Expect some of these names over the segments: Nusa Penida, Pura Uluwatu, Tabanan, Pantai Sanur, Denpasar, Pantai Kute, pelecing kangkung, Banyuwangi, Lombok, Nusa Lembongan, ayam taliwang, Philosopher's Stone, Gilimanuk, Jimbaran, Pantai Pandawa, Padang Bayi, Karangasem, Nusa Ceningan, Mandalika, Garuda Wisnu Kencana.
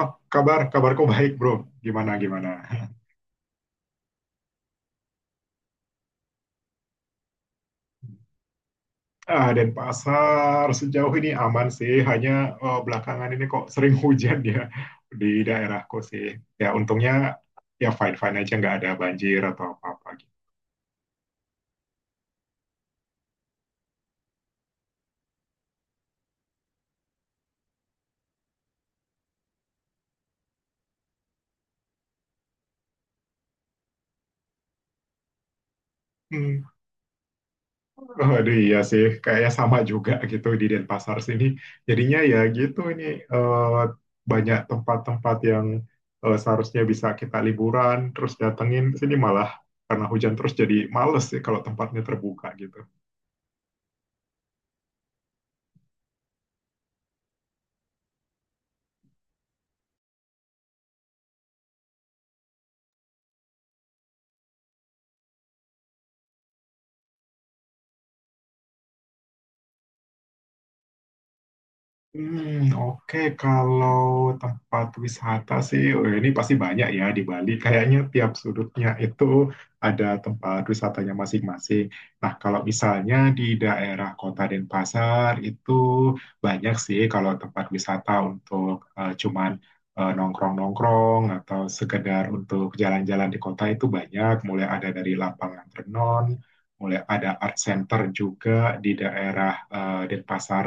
Oh, kabarku baik, bro. Gimana, gimana? Ah, Denpasar sejauh ini aman sih, hanya belakangan ini kok sering hujan ya di daerahku sih. Ya, untungnya ya fine-fine aja, nggak ada banjir atau apa-apa gitu. Hmm. Aduh, iya sih, kayaknya sama juga gitu di Denpasar sini. Jadinya ya gitu ini eh, banyak tempat-tempat yang seharusnya bisa kita liburan, terus datengin sini malah karena hujan terus jadi males sih kalau tempatnya terbuka gitu. Hmm, oke. Kalau tempat wisata sih, oh, ini pasti banyak ya di Bali. Kayaknya tiap sudutnya itu ada tempat wisatanya masing-masing. Nah, kalau misalnya di daerah Kota Denpasar itu banyak sih kalau tempat wisata untuk cuman nongkrong-nongkrong atau sekedar untuk jalan-jalan di kota itu banyak. Mulai ada dari lapangan renon, mulai ada art center juga di daerah Denpasar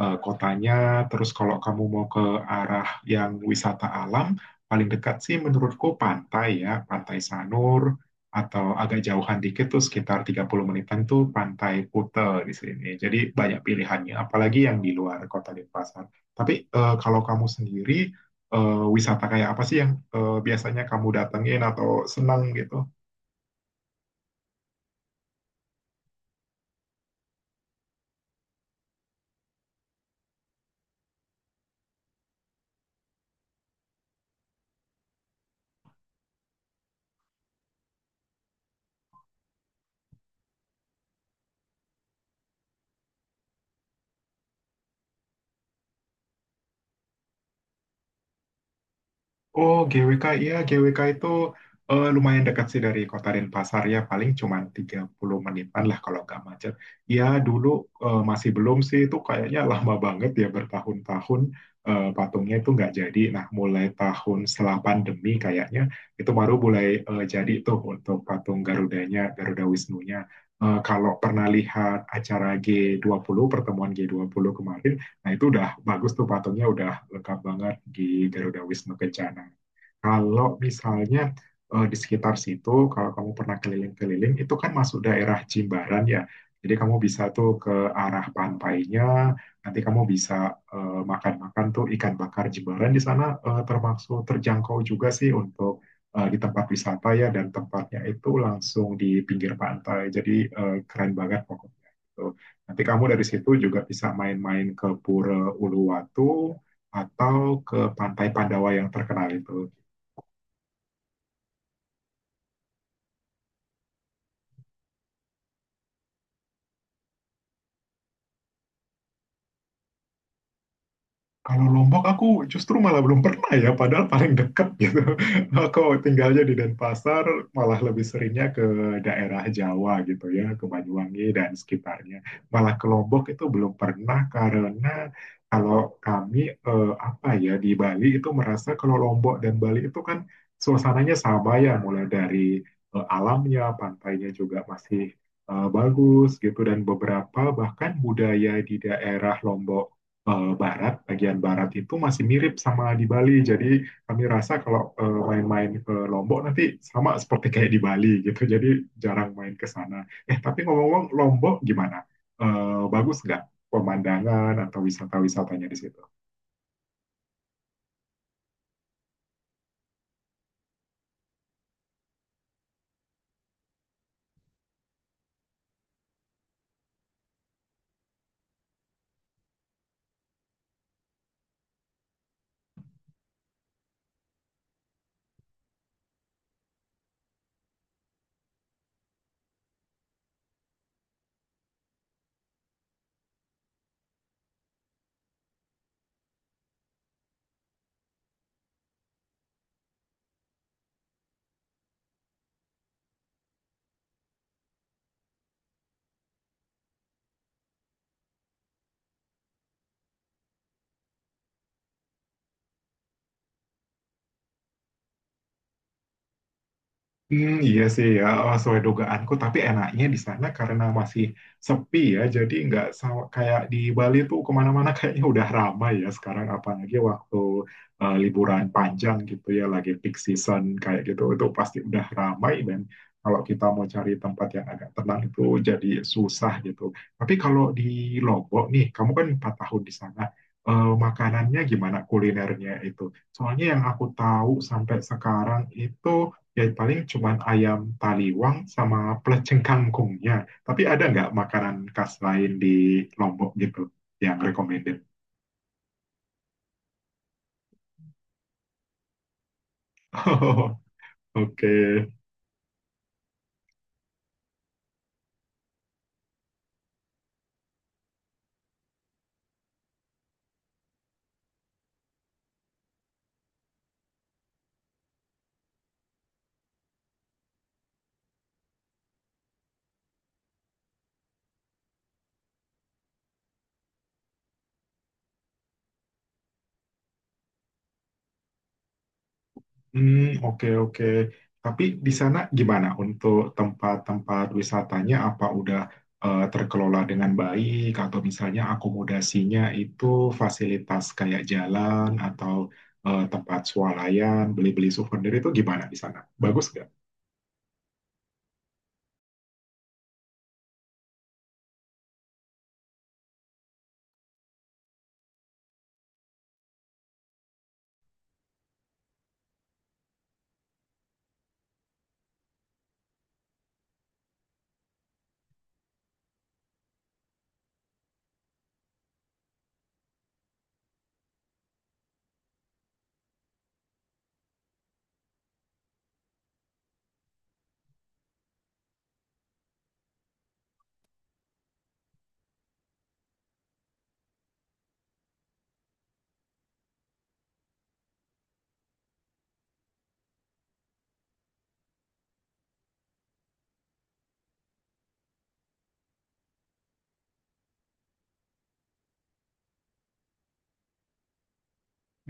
kotanya. Terus kalau kamu mau ke arah yang wisata alam, paling dekat sih menurutku pantai ya, Pantai Sanur atau agak jauhan dikit tuh sekitar 30 menitan tuh Pantai Kute di sini. Jadi banyak pilihannya, apalagi yang di luar kota Denpasar. Tapi kalau kamu sendiri wisata kayak apa sih yang biasanya kamu datengin atau senang gitu? Oh, GWK, iya GWK itu lumayan dekat sih dari kota Denpasar ya, paling cuma 30 menitan lah kalau nggak macet. Ya dulu masih belum sih, itu kayaknya lama banget ya bertahun-tahun patungnya itu nggak jadi. Nah, mulai tahun setelah pandemi kayaknya itu baru mulai jadi tuh untuk patung Garudanya, Garuda Wisnunya. Kalau pernah lihat acara G20 pertemuan G20 kemarin, nah, itu udah bagus tuh patungnya udah lengkap banget di Garuda Wisnu Kencana. Kalau misalnya di sekitar situ, kalau kamu pernah keliling-keliling, itu kan masuk daerah Jimbaran ya. Jadi kamu bisa tuh ke arah pantainya, nanti kamu bisa makan-makan tuh ikan bakar Jimbaran di sana termasuk terjangkau juga sih untuk di tempat wisata ya dan tempatnya itu langsung di pinggir pantai. Jadi keren banget pokoknya. Gitu. Nanti kamu dari situ juga bisa main-main ke Pura Uluwatu atau ke Pantai Pandawa yang terkenal itu. Kalau Lombok aku justru malah belum pernah ya, padahal paling dekat gitu. Aku tinggalnya di Denpasar, malah lebih seringnya ke daerah Jawa gitu ya, ke Banyuwangi dan sekitarnya. Malah ke Lombok itu belum pernah karena kalau kami apa ya di Bali itu merasa kalau Lombok dan Bali itu kan suasananya sama ya, mulai dari alamnya, pantainya juga masih bagus gitu dan beberapa bahkan budaya di daerah Lombok barat, bagian barat itu masih mirip sama di Bali. Jadi kami rasa kalau main-main ke Lombok nanti sama seperti kayak di Bali gitu. Jadi jarang main ke sana. Tapi ngomong-ngomong Lombok gimana? Bagus nggak pemandangan atau wisata-wisatanya di situ? Hmm, iya sih ya, oh, sesuai dugaanku. Tapi enaknya di sana karena masih sepi ya, jadi nggak sama kayak di Bali tuh kemana-mana kayaknya udah ramai ya sekarang. Apalagi waktu liburan panjang gitu ya, lagi peak season kayak gitu, itu pasti udah ramai dan kalau kita mau cari tempat yang agak tenang itu jadi susah gitu. Tapi kalau di Lombok nih, kamu kan 4 tahun di sana. Makanannya gimana kulinernya itu? Soalnya yang aku tahu sampai sekarang itu ya paling cuman ayam taliwang sama pelecing kangkungnya. Tapi ada nggak makanan khas lain di Lombok gitu yang recommended? Oke. Hmm, oke, oke. Tapi di sana gimana untuk tempat-tempat wisatanya? Apa udah terkelola dengan baik atau misalnya akomodasinya itu fasilitas kayak jalan atau tempat swalayan, beli-beli souvenir itu gimana di sana? Bagus.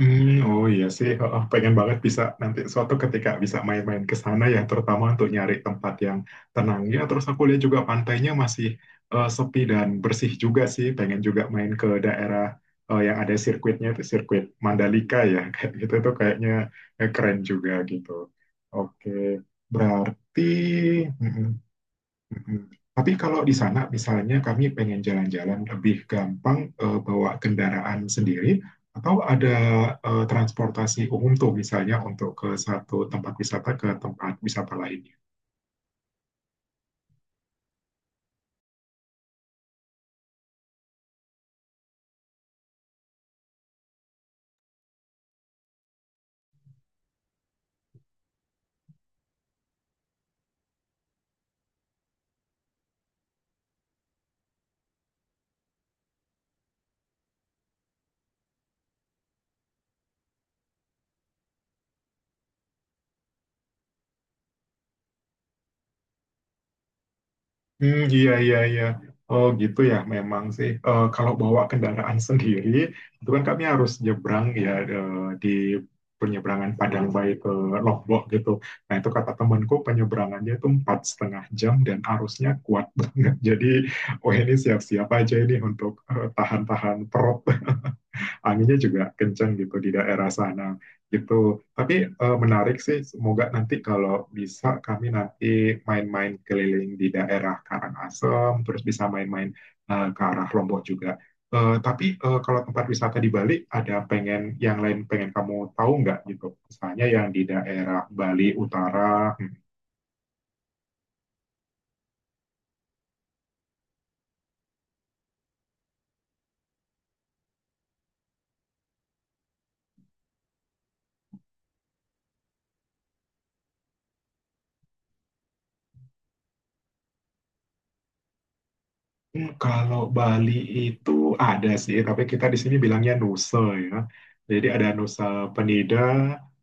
Hmm, oh iya sih, oh, oh, pengen banget bisa nanti suatu ketika bisa main-main ke sana ya, terutama untuk nyari tempat yang tenang ya. Terus aku lihat juga pantainya masih sepi dan bersih juga sih. Pengen juga main ke daerah yang ada sirkuitnya itu sirkuit Mandalika ya, kayak gitu tuh kayaknya keren juga gitu. Oke, berarti. Mm-mm. Tapi kalau di sana, misalnya kami pengen jalan-jalan lebih gampang bawa kendaraan sendiri, atau ada transportasi umum tuh misalnya untuk ke satu tempat wisata ke tempat wisata lain. Hmm, iya, iya, iya. Oh, gitu ya, memang sih. Kalau bawa kendaraan sendiri, itu kan kami harus nyebrang ya di penyeberangan Padang Bayi ke Lombok gitu. Nah, itu kata temanku penyeberangannya itu 4,5 jam dan arusnya kuat banget. Jadi, oh ini siap-siap aja ini untuk tahan-tahan perut anginnya juga kencang gitu di daerah sana gitu. Tapi menarik sih, semoga nanti kalau bisa kami nanti main-main keliling di daerah Karangasem, terus bisa main-main ke arah Lombok juga. Tapi kalau tempat wisata di Bali ada pengen yang lain pengen kamu tahu nggak gitu? Misalnya yang di daerah Bali Utara. Hmm, kalau Bali itu ada sih, tapi kita di sini bilangnya Nusa ya. Jadi ada Nusa Penida,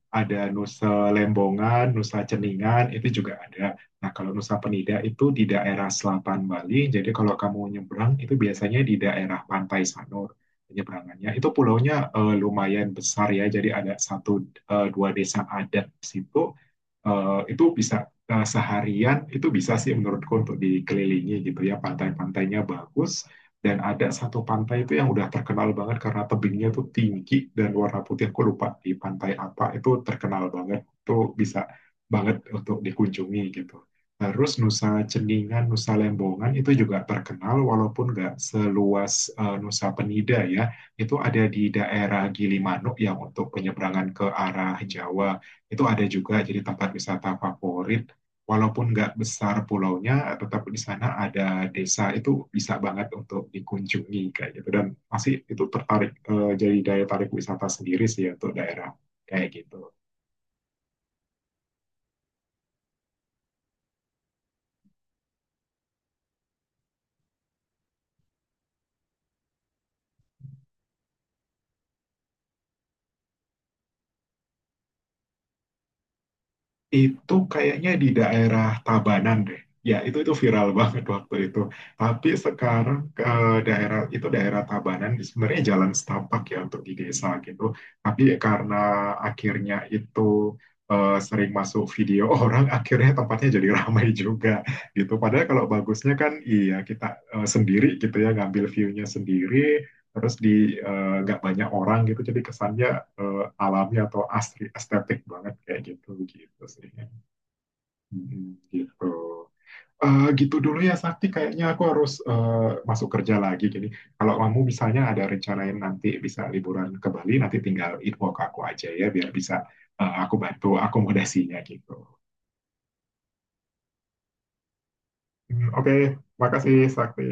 ada Nusa Lembongan, Nusa Ceningan, itu juga ada. Nah, kalau Nusa Penida itu di daerah selatan Bali, jadi kalau kamu nyebrang itu biasanya di daerah Pantai Sanur penyeberangannya. Itu pulaunya lumayan besar ya, jadi ada satu dua desa adat di situ itu bisa seharian itu bisa sih menurutku untuk dikelilingi gitu ya pantai-pantainya bagus dan ada satu pantai itu yang udah terkenal banget karena tebingnya tuh tinggi dan warna putih aku lupa di pantai apa itu terkenal banget itu bisa banget untuk dikunjungi gitu. Terus Nusa Ceningan Nusa Lembongan itu juga terkenal walaupun nggak seluas Nusa Penida ya itu ada di daerah Gilimanuk yang untuk penyeberangan ke arah Jawa itu ada juga jadi tempat wisata favorit. Walaupun nggak besar pulaunya, tetap di sana ada desa itu bisa banget untuk dikunjungi kayak gitu. Dan masih itu tertarik jadi daya tarik wisata sendiri sih ya untuk daerah kayak gitu. Itu kayaknya di daerah Tabanan deh. Ya, itu viral banget waktu itu. Tapi sekarang ke daerah itu daerah Tabanan sebenarnya jalan setapak ya untuk di desa gitu. Tapi karena akhirnya itu sering masuk video orang, akhirnya tempatnya jadi ramai juga gitu. Padahal kalau bagusnya kan iya kita sendiri gitu ya ngambil view-nya sendiri, terus di nggak banyak orang gitu. Jadi kesannya alami atau asri estetik banget kayak gitu gitu sih. Mhm, gitu. Gitu dulu ya Sakti kayaknya aku harus masuk kerja lagi jadi kalau kamu misalnya ada rencanain nanti bisa liburan ke Bali nanti tinggal info ke aku aja ya biar bisa aku bantu akomodasinya gitu. Hmm, oke, makasih Sakti.